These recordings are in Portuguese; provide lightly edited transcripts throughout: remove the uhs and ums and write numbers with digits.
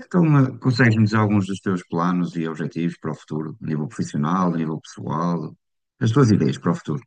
Então, consegues-me dizer alguns dos teus planos e objetivos para o futuro, a nível profissional, a nível pessoal, as tuas ideias para o futuro?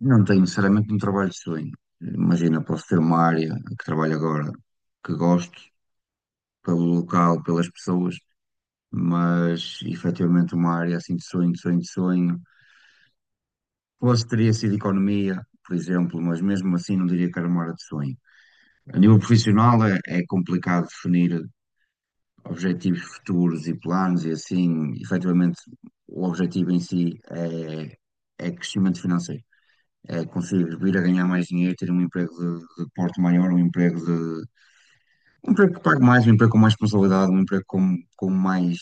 Não tenho necessariamente um trabalho de sonho. Imagina, posso ter uma área que trabalho agora que gosto, pelo local, pelas pessoas, mas efetivamente uma área assim de sonho, de sonho, de sonho. Posso teria sido economia, por exemplo, mas mesmo assim não diria que era uma área de sonho. A nível profissional é complicado definir objetivos futuros e planos, e assim, efetivamente, o objetivo em si é crescimento financeiro. É conseguir vir a ganhar mais dinheiro, ter um emprego de porte maior, um emprego de, um emprego que pague mais, um emprego com mais responsabilidade, um emprego com mais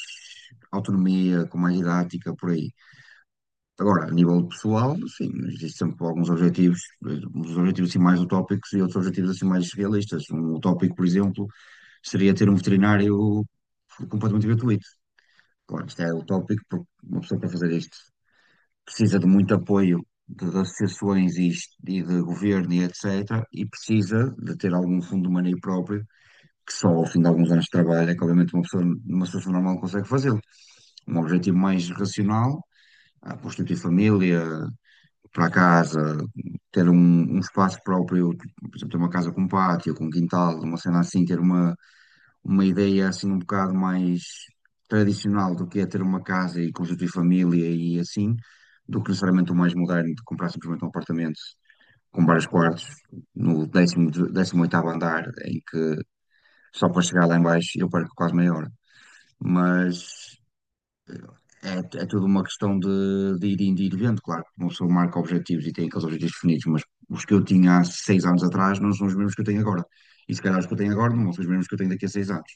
autonomia, com mais didática, por aí. Agora, a nível pessoal, sim, existem sempre alguns objetivos, uns objetivos assim mais utópicos e outros objetivos assim mais realistas. Um utópico, por exemplo, seria ter um veterinário completamente gratuito. Claro, isto é utópico, porque uma pessoa para fazer isto precisa de muito apoio de associações e, e de governo e etc. E precisa de ter algum fundo de maneio próprio, que só ao fim de alguns anos de trabalho é que, obviamente, uma pessoa numa situação normal consegue fazê-lo. Um objetivo mais racional, a constituir família, para a casa, ter um, um espaço próprio, tipo, por exemplo, ter uma casa com um pátio, com um quintal, uma cena assim, ter uma ideia assim um bocado mais tradicional do que é ter uma casa e constituir família e assim, do que necessariamente o mais moderno de comprar simplesmente um apartamento com vários quartos no décimo oitavo andar, em que só para chegar lá em baixo eu perco quase meia hora. Mas é, é tudo uma questão de ir indo e ir vendo, claro, que uma pessoa marca objetivos e tem aqueles objetivos definidos, mas os que eu tinha há seis anos atrás não são os mesmos que eu tenho agora. E se calhar os que eu tenho agora não são os mesmos que eu tenho daqui a seis anos.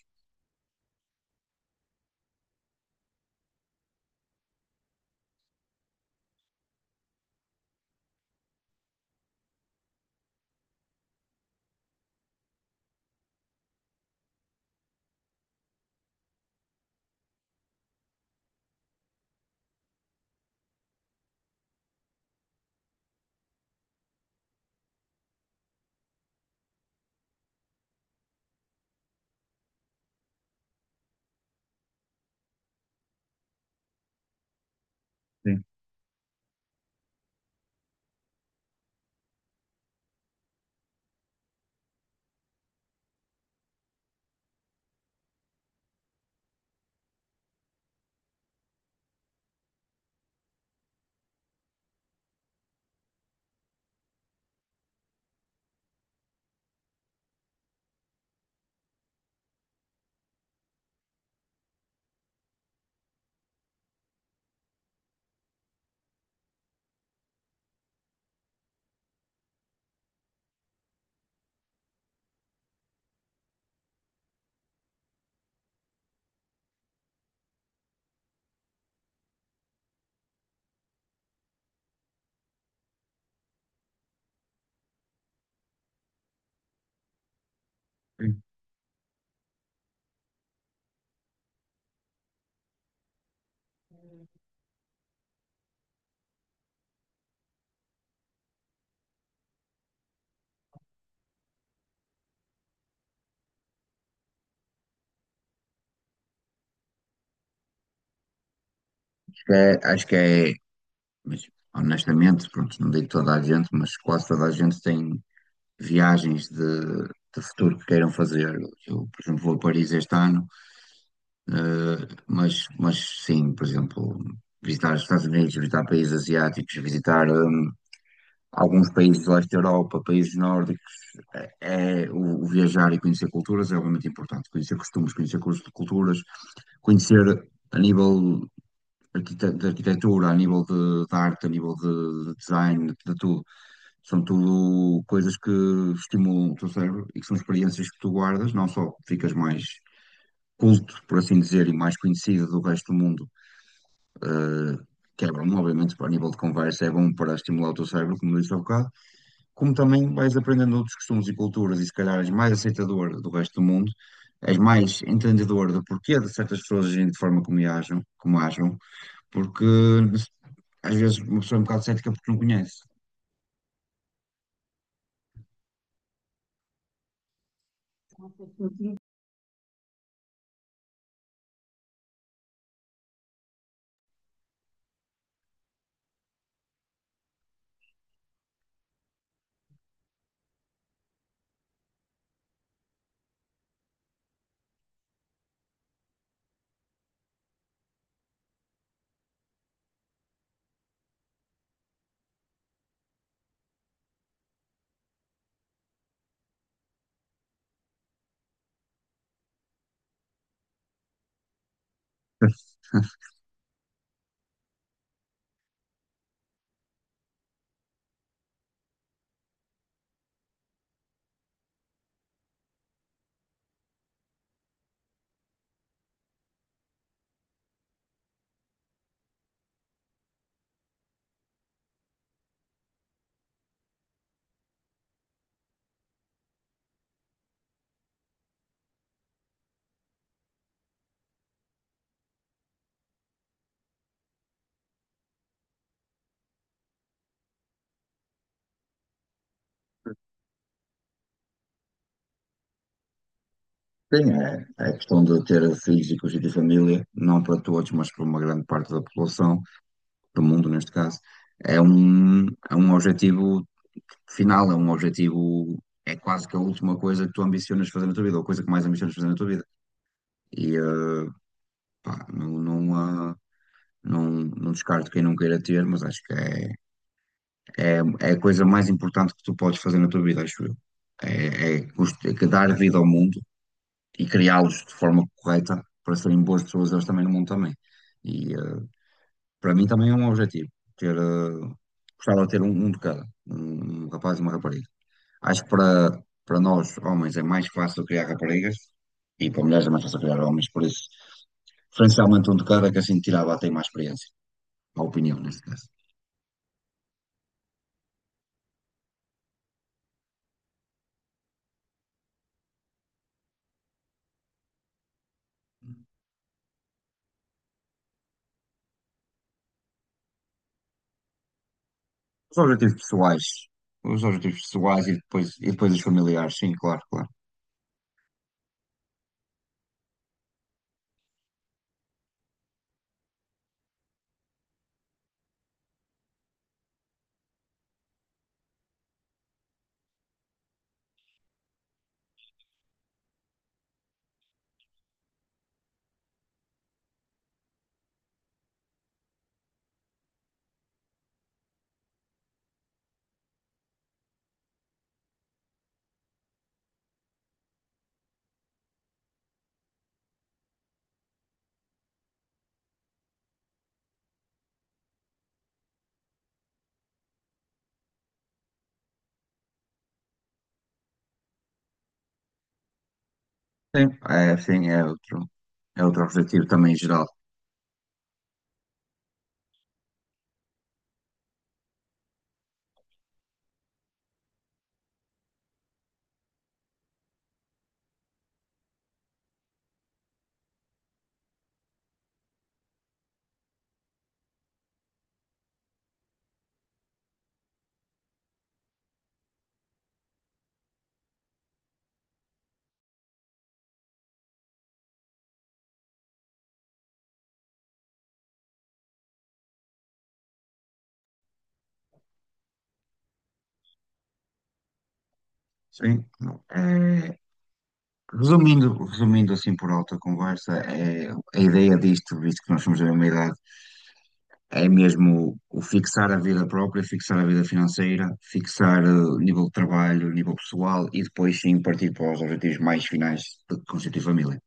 Sim. É, acho que é, mas, honestamente, pronto, não digo toda a gente, mas quase toda a gente tem viagens de futuro que queiram fazer. Eu, por exemplo, vou a Paris este ano, eh, mas sim, por exemplo, visitar os Estados Unidos, visitar países asiáticos, visitar alguns países do leste da Europa, países nórdicos. É, é- o viajar e conhecer culturas é obviamente importante, conhecer costumes, conhecer culturas, conhecer a nível de arquitetura, a nível de arte, a nível de design, de tudo. São tudo coisas que estimulam o teu cérebro e que são experiências que tu guardas, não só ficas mais culto, por assim dizer, e mais conhecido do resto do mundo, eh, que é bom, obviamente, para a nível de conversa, é bom para estimular o teu cérebro, como disse há bocado, como também vais aprendendo outros costumes e culturas e se calhar és mais aceitador do resto do mundo, és mais entendedor do porquê de certas pessoas agirem de forma como agem, porque às vezes uma pessoa é um bocado cética porque não conhece. Sim, é, é questão de ter filhos e constituir família, não para todos, mas para uma grande parte da população, do mundo neste caso. É um objetivo final, é um objetivo, é quase que a última coisa que tu ambicionas fazer na tua vida, ou a coisa que mais ambicionas fazer na tua vida. E pá, não descarto quem não queira ter, mas acho que é, É, é a coisa mais importante que tu podes fazer na tua vida, acho eu. É, é que dar vida ao mundo e criá-los de forma correta para serem boas pessoas, eles também no mundo também. E para mim também é um objetivo, ter, eh, gostava de ter um, um de cada, um rapaz e uma rapariga. Acho que para, para nós, homens, é mais fácil criar raparigas e para mulheres é mais fácil criar homens, por isso, preferencialmente um de cada, que assim tirava até mais experiência, a opinião, neste caso. Os objetivos pessoais. Os objetivos pessoais e depois os familiares, sim, claro, claro. Sim, é outro objetivo também geral. Sim. É, resumindo, resumindo assim por alta conversa, é, a ideia disto, visto que nós somos da mesma idade, é mesmo o fixar a vida própria, fixar a vida financeira, fixar o nível de trabalho, o nível pessoal e depois sim partir para os objetivos mais finais de constituir família.